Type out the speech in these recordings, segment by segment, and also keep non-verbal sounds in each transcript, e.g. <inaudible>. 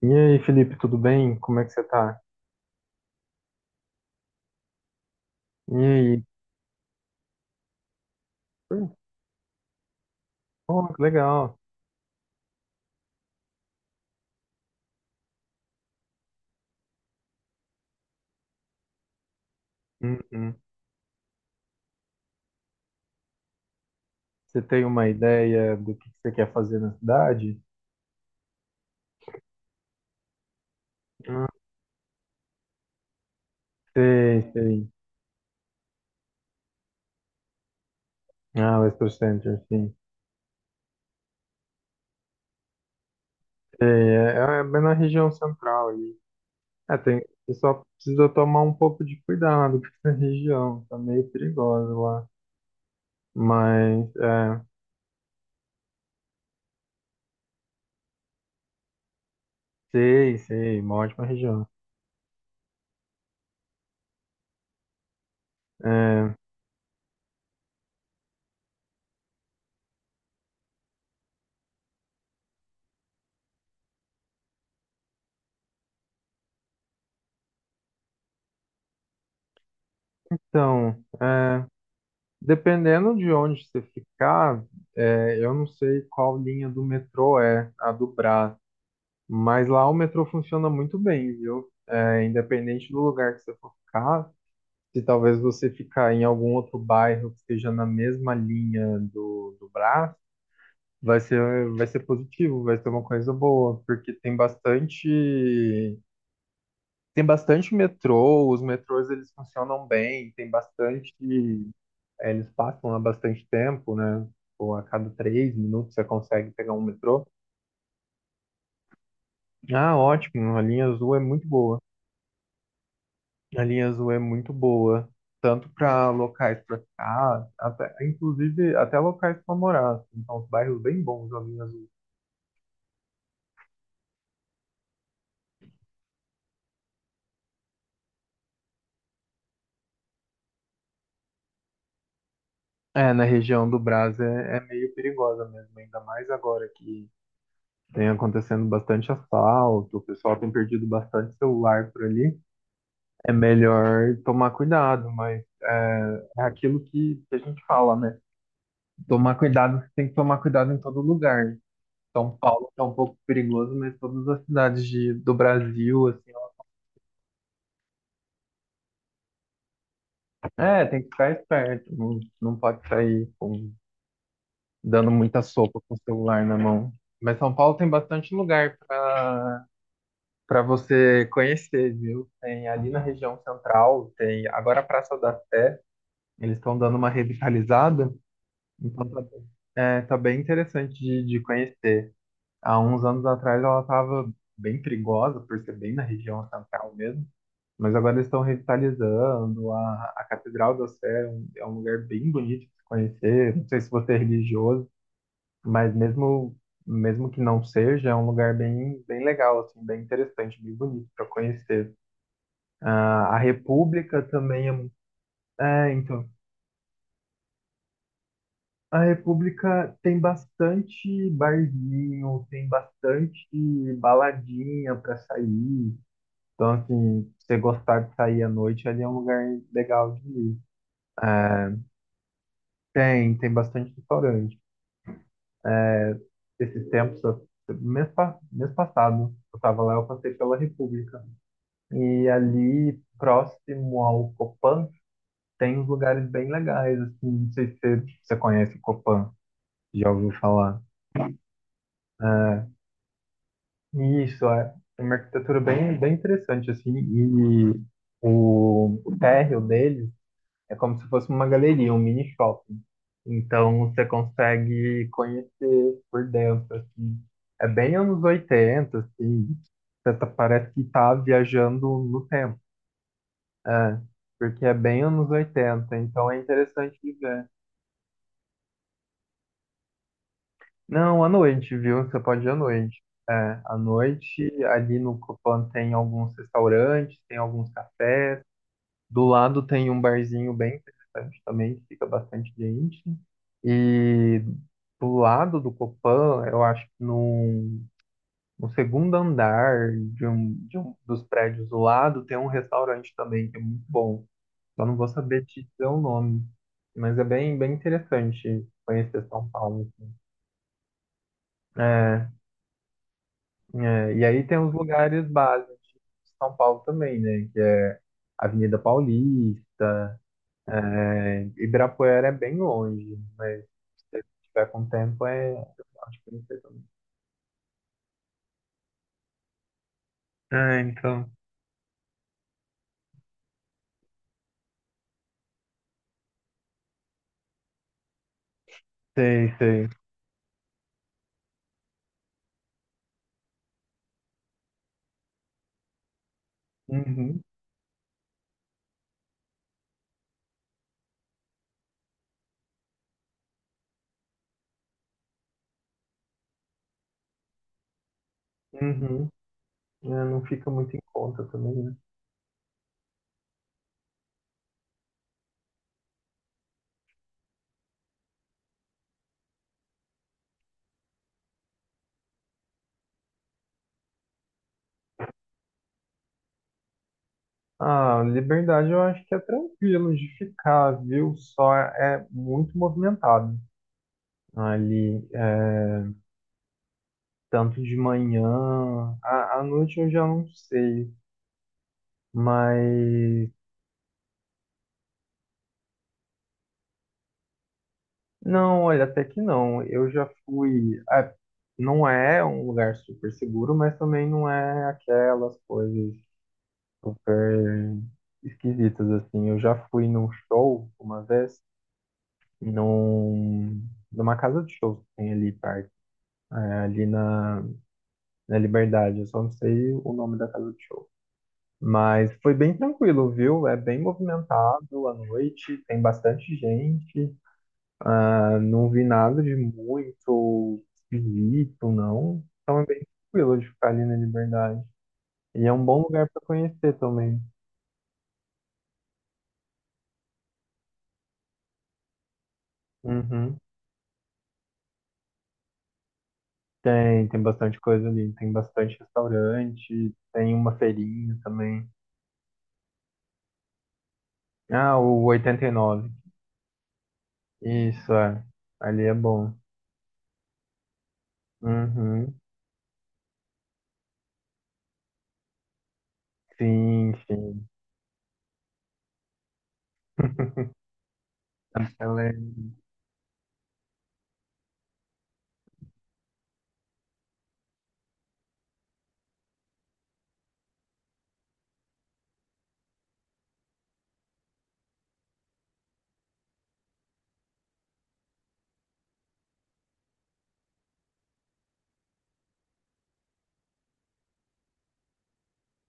E aí, Felipe, tudo bem? Como é que você tá? E aí? Oi. Oh, que legal. Uhum. Você tem uma ideia do que você quer fazer na cidade? Ah, sei, sei. Ah, Western Center, sim. Sei, é, é bem na região central ali. É, tem, você só precisa tomar um pouco de cuidado com essa <laughs> região. Tá meio perigosa lá. Mas, é, sei, sei, uma ótima região. É, então, é. Dependendo de onde você ficar, é, eu não sei qual linha do metrô é a do Brás, mas lá o metrô funciona muito bem, viu? É, independente do lugar que você for ficar, se talvez você ficar em algum outro bairro que esteja na mesma linha do Brás, vai ser positivo, vai ser uma coisa boa, porque tem bastante metrô, os metrôs eles funcionam bem, tem bastante eles passam há bastante tempo, né? Ou a cada três minutos você consegue pegar um metrô. Ah, ótimo, a linha azul é muito boa. A linha azul é muito boa, tanto para locais para ficar, até, inclusive até locais para morar assim. Então, os bairros bem bons da linha azul. É, na região do Brás é, é meio perigosa mesmo, ainda mais agora que tem acontecendo bastante assalto, o pessoal tem perdido bastante celular por ali. É melhor tomar cuidado, mas é, é aquilo que a gente fala, né? Tomar cuidado, você tem que tomar cuidado em todo lugar. São Paulo é um pouco perigoso, mas todas as cidades de- do Brasil, assim, é, tem que ficar esperto, não, não pode sair com, dando muita sopa com o celular na mão. Mas São Paulo tem bastante lugar para para você conhecer, viu? Tem ali na região central, tem agora a Praça da Sé, eles estão dando uma revitalizada. Então tá, é, tá bem interessante de conhecer. Há uns anos atrás ela estava bem perigosa, por ser bem na região central mesmo, mas agora eles estão revitalizando. A Catedral da Sé é um lugar bem bonito de se conhecer. Não sei se você é religioso, mas mesmo, mesmo que não seja, é um lugar bem, bem legal, assim, bem interessante, bem bonito para conhecer. Ah, a República também é, mu- é, então. A República tem bastante barzinho, tem bastante baladinha para sair. Então, assim, se você gostar de sair à noite, ali é um lugar legal de ir. Tem, tem bastante restaurante. Esses tempos, eu- mês, pa- mês passado, eu estava lá, eu passei pela República. E ali, próximo ao Copan, tem uns lugares bem legais, assim, não sei se você, você conhece o Copan, já ouviu falar. É, isso, é. É uma arquitetura bem, bem interessante, assim, e o térreo dele é como se fosse uma galeria, um mini shopping. Então, você consegue conhecer por dentro, assim. É bem anos 80 assim, você tá- parece que tá viajando no tempo, é, porque é bem anos 80 então é interessante de ver. Não, à noite, viu? Você pode ir à noite. É, à noite, ali no Copan tem alguns restaurantes, tem alguns cafés. Do lado tem um barzinho bem interessante também, que fica bastante gente. E do lado do Copan, eu acho que no, no segundo andar de um dos prédios do lado, tem um restaurante também, que é muito bom. Só não vou saber te dizer o nome. Mas é bem, bem interessante conhecer São Paulo. É, é, e aí tem os lugares básicos de São Paulo também, né? Que é Avenida Paulista, é, Ibirapuera é bem longe, mas se tiver com tempo é. Eu acho que não sei também. Ah, então. Sei, sei. Uhum, uhum. É, não fica muito em conta também, né? Ah, Liberdade eu acho que é tranquilo de ficar, viu? Só é muito movimentado ali, é, tanto de manhã, à noite eu já não sei. Mas não, olha, até que não. Eu já fui. Ah, não é um lugar super seguro, mas também não é aquelas coisas super esquisitas assim. Eu já fui num show uma vez, num, numa casa de shows que tem ali perto, é, ali na, na Liberdade. Eu só não sei o nome da casa de show. Mas foi bem tranquilo, viu? É bem movimentado à noite, tem bastante gente. Ah, não vi nada de muito esquisito, não. Então é bem tranquilo de ficar ali na Liberdade. E é um bom lugar para conhecer também. Uhum. Tem, tem bastante coisa ali. Tem bastante restaurante, tem uma feirinha também. Ah, o 89. Isso, é. Ali é bom. Uhum. Sim, sim. <laughs> Ela é...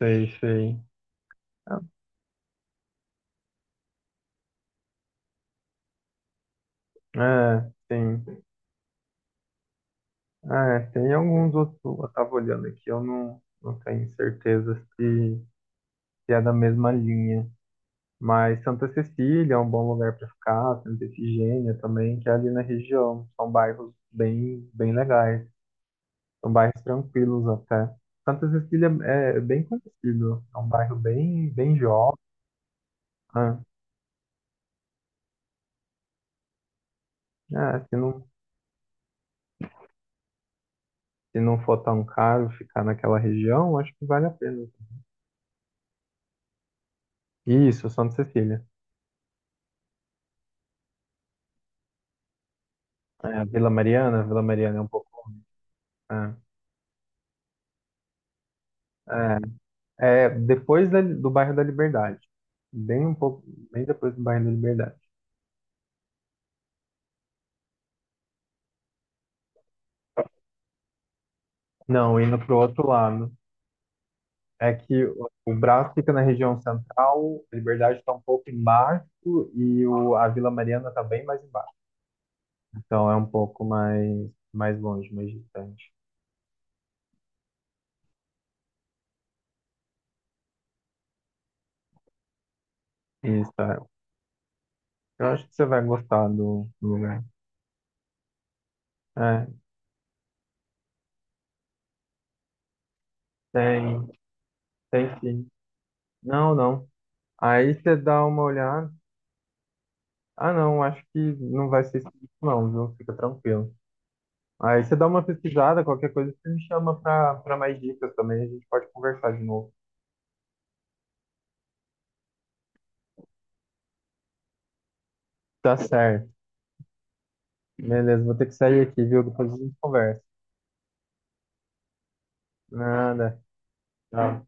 Sei, sei. Ah, é, sim. Ah, é, tem alguns outros, eu estava olhando aqui, eu não, não tenho certeza se, se é da mesma linha. Mas Santa Cecília é um bom lugar para ficar, Santa Efigênia também, que é ali na região. São bairros bem, bem legais, são bairros tranquilos até. Santa Cecília é bem conhecido, é um bairro bem, bem jovem. Né? É, se não, se não for tão caro ficar naquela região, acho que vale a pena. Isso, Santa Cecília. É, a Vila Mariana é um pouco. É, é, é depois da- do bairro da Liberdade. Bem um pouco, bem depois do bairro da Liberdade. Não, indo pro outro lado. É que o Brás fica na região central, a Liberdade está um pouco embaixo e o, a Vila Mariana está bem mais embaixo. Então é um pouco mais, mais longe, mais distante. Isso, é. Eu acho que você vai gostar do, do lugar. É, tem, tem sim. Não, não. Aí você dá uma olhada. Ah, não, acho que não vai ser isso, não, viu? Fica tranquilo. Aí você dá uma pesquisada, qualquer coisa, você me chama pra, pra mais dicas também, a gente pode conversar de novo. Tá certo. Beleza, vou ter que sair aqui, viu? Depois a gente conversa. Nada. Tchau.